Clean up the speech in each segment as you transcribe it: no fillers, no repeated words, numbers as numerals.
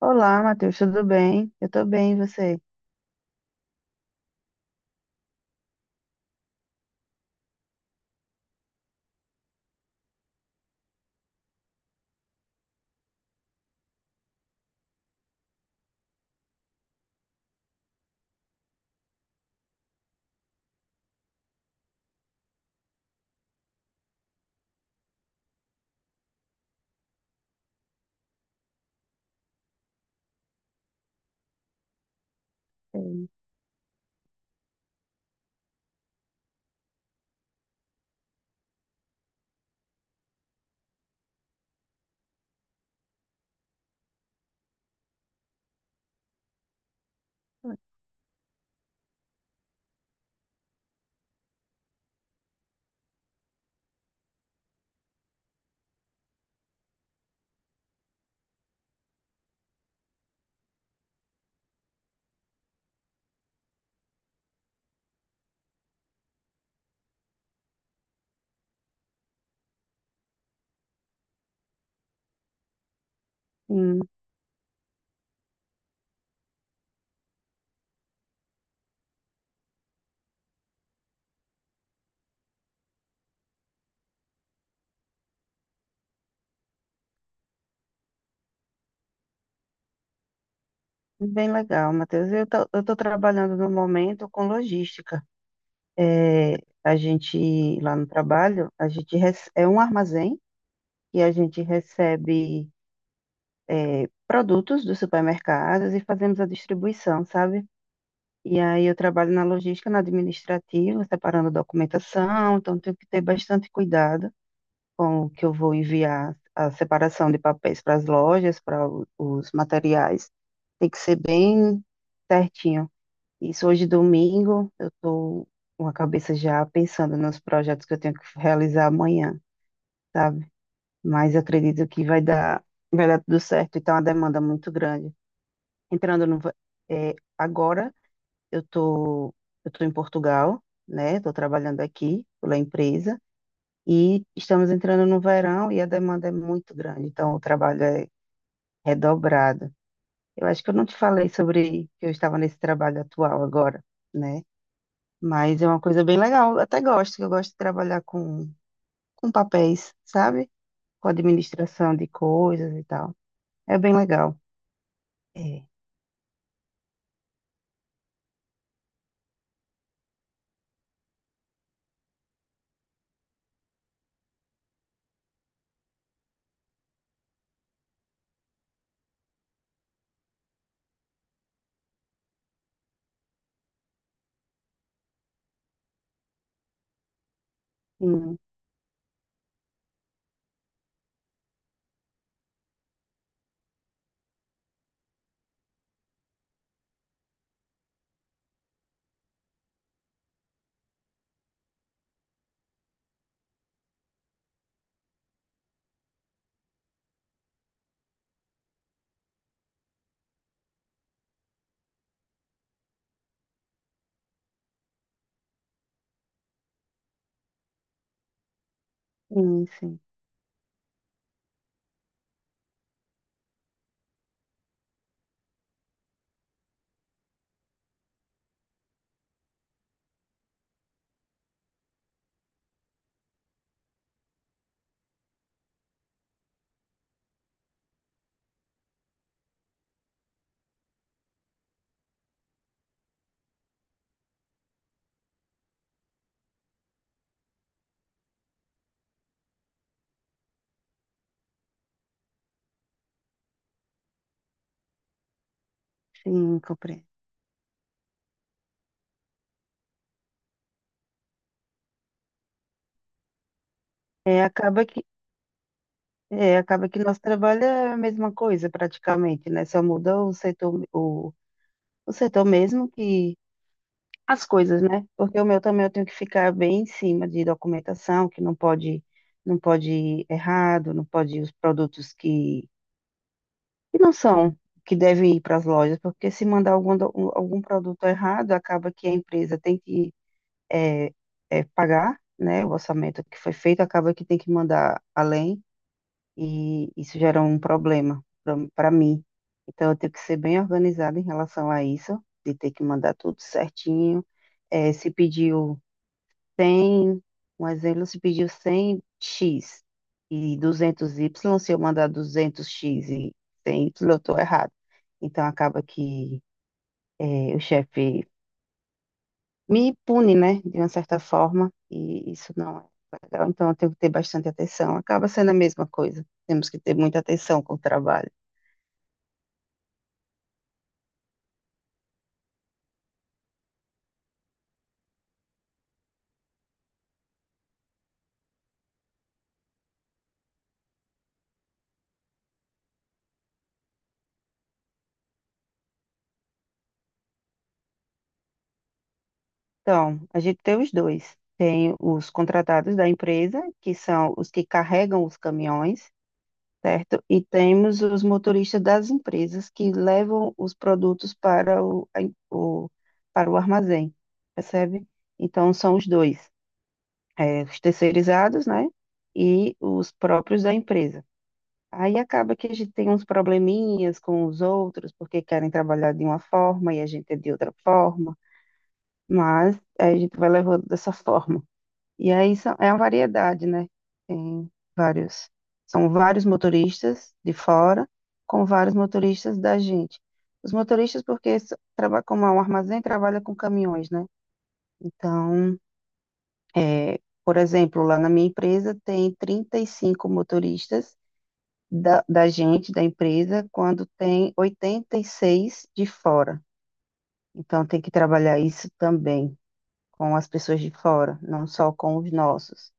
Olá, Matheus, tudo bem? Eu tô bem, e você? Sim, sim, bem legal, Matheus. Eu tô trabalhando no momento com logística. É, a gente, lá no trabalho, é um armazém e a gente recebe produtos dos supermercados e fazemos a distribuição, sabe? E aí eu trabalho na logística, na administrativa, separando documentação, então tenho que ter bastante cuidado com que eu vou enviar a separação de papéis para as lojas, os materiais. Tem que ser bem certinho. Isso hoje, domingo, eu estou com a cabeça já pensando nos projetos que eu tenho que realizar amanhã, sabe? Mas acredito que vai dar tudo certo. Então, a demanda é muito grande. Entrando no, va- eh, agora, eu estou eu tô em Portugal, né? Estou trabalhando aqui pela empresa. E estamos entrando no verão e a demanda é muito grande, então o trabalho é redobrado. Eu acho que eu não te falei sobre que eu estava nesse trabalho atual agora, né? Mas é uma coisa bem legal, eu até gosto, que eu gosto de trabalhar com papéis, sabe? Com administração de coisas e tal. É bem legal. É, sim, sim, sim, sim, compreendo. É, acaba que, é, acaba que nosso trabalho é a mesma coisa praticamente, né? Só muda o setor mesmo que as coisas, né? Porque o meu também eu tenho que ficar bem em cima de documentação, que não pode, não pode ir errado, não pode ir os produtos que não são, que devem ir para as lojas, porque se mandar algum produto errado, acaba que a empresa tem que é, pagar, né? O orçamento que foi feito, acaba que tem que mandar além, e isso gera um problema para mim. Então, eu tenho que ser bem organizada em relação a isso, de ter que mandar tudo certinho. Se pediu 100, um exemplo, se pediu 100x e 200y, se eu mandar 200x e 100y, eu estou errado. Então, acaba que o chefe me pune, né, de uma certa forma, e isso não é legal. Então, eu tenho que ter bastante atenção. Acaba sendo a mesma coisa. Temos que ter muita atenção com o trabalho. Então, a gente tem os dois. Tem os contratados da empresa, que são os que carregam os caminhões, certo? E temos os motoristas das empresas que levam os produtos o- para o armazém, percebe? Então, são os dois, os terceirizados, né? E os próprios da empresa. Aí acaba que a gente tem uns probleminhas com os outros, porque querem trabalhar de uma forma e a gente é de outra forma, mas a gente vai levando dessa forma. E aí é uma variedade, né? Tem vários, são vários motoristas de fora com vários motoristas da gente. Os motoristas, porque como é um armazém, trabalha com caminhões, né? Então, é, por exemplo, lá na minha empresa tem 35 motoristas da gente, da empresa, quando tem 86 de fora. Então, tem que trabalhar isso também com as pessoas de fora, não só com os nossos.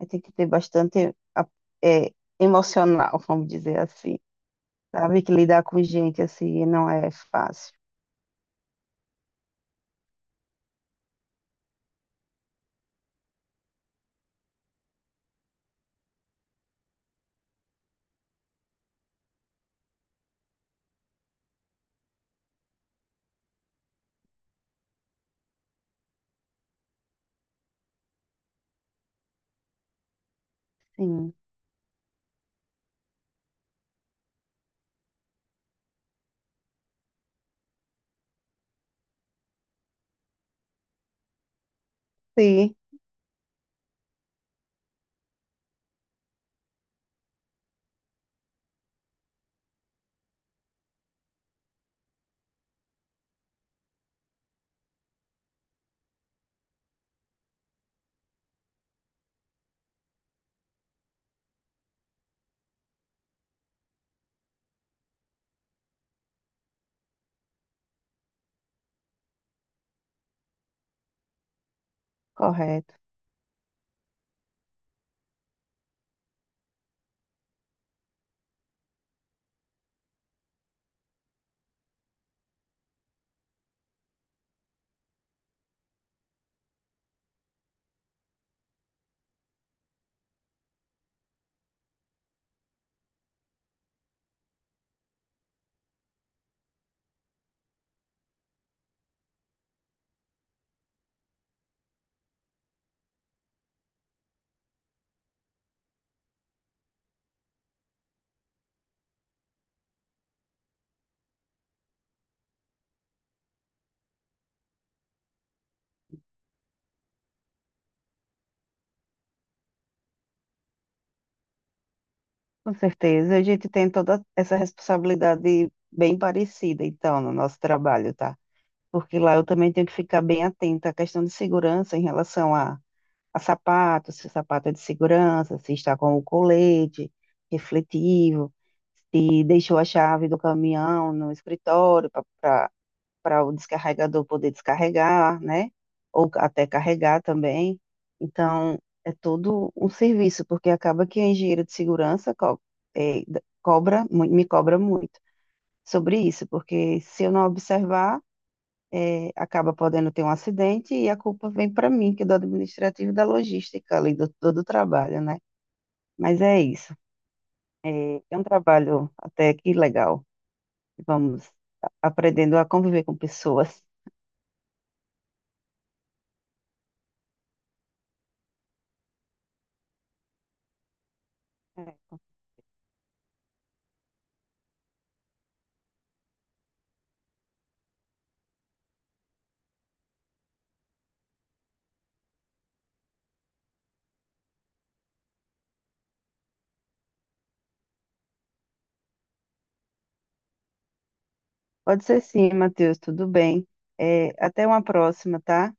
Aí tem que ter bastante é, emocional, vamos dizer assim. Sabe que lidar com gente assim não é fácil. Sim, sim, correto. Com certeza. A gente tem toda essa responsabilidade bem parecida, então, no nosso trabalho, tá? Porque lá eu também tenho que ficar bem atenta à questão de segurança em relação a sapato, se o sapato é de segurança, se está com o colete refletivo, se deixou a chave do caminhão no escritório para para o descarregador poder descarregar, né? Ou até carregar também. Então, é todo um serviço, porque acaba que a engenheira de segurança me cobra muito sobre isso, porque se eu não observar, acaba podendo ter um acidente e a culpa vem para mim, que é do administrativo e da logística ali, do trabalho, né? Mas é isso. É um trabalho até que legal. Vamos aprendendo a conviver com pessoas. Pode ser sim, Matheus, tudo bem. É, até uma próxima, tá?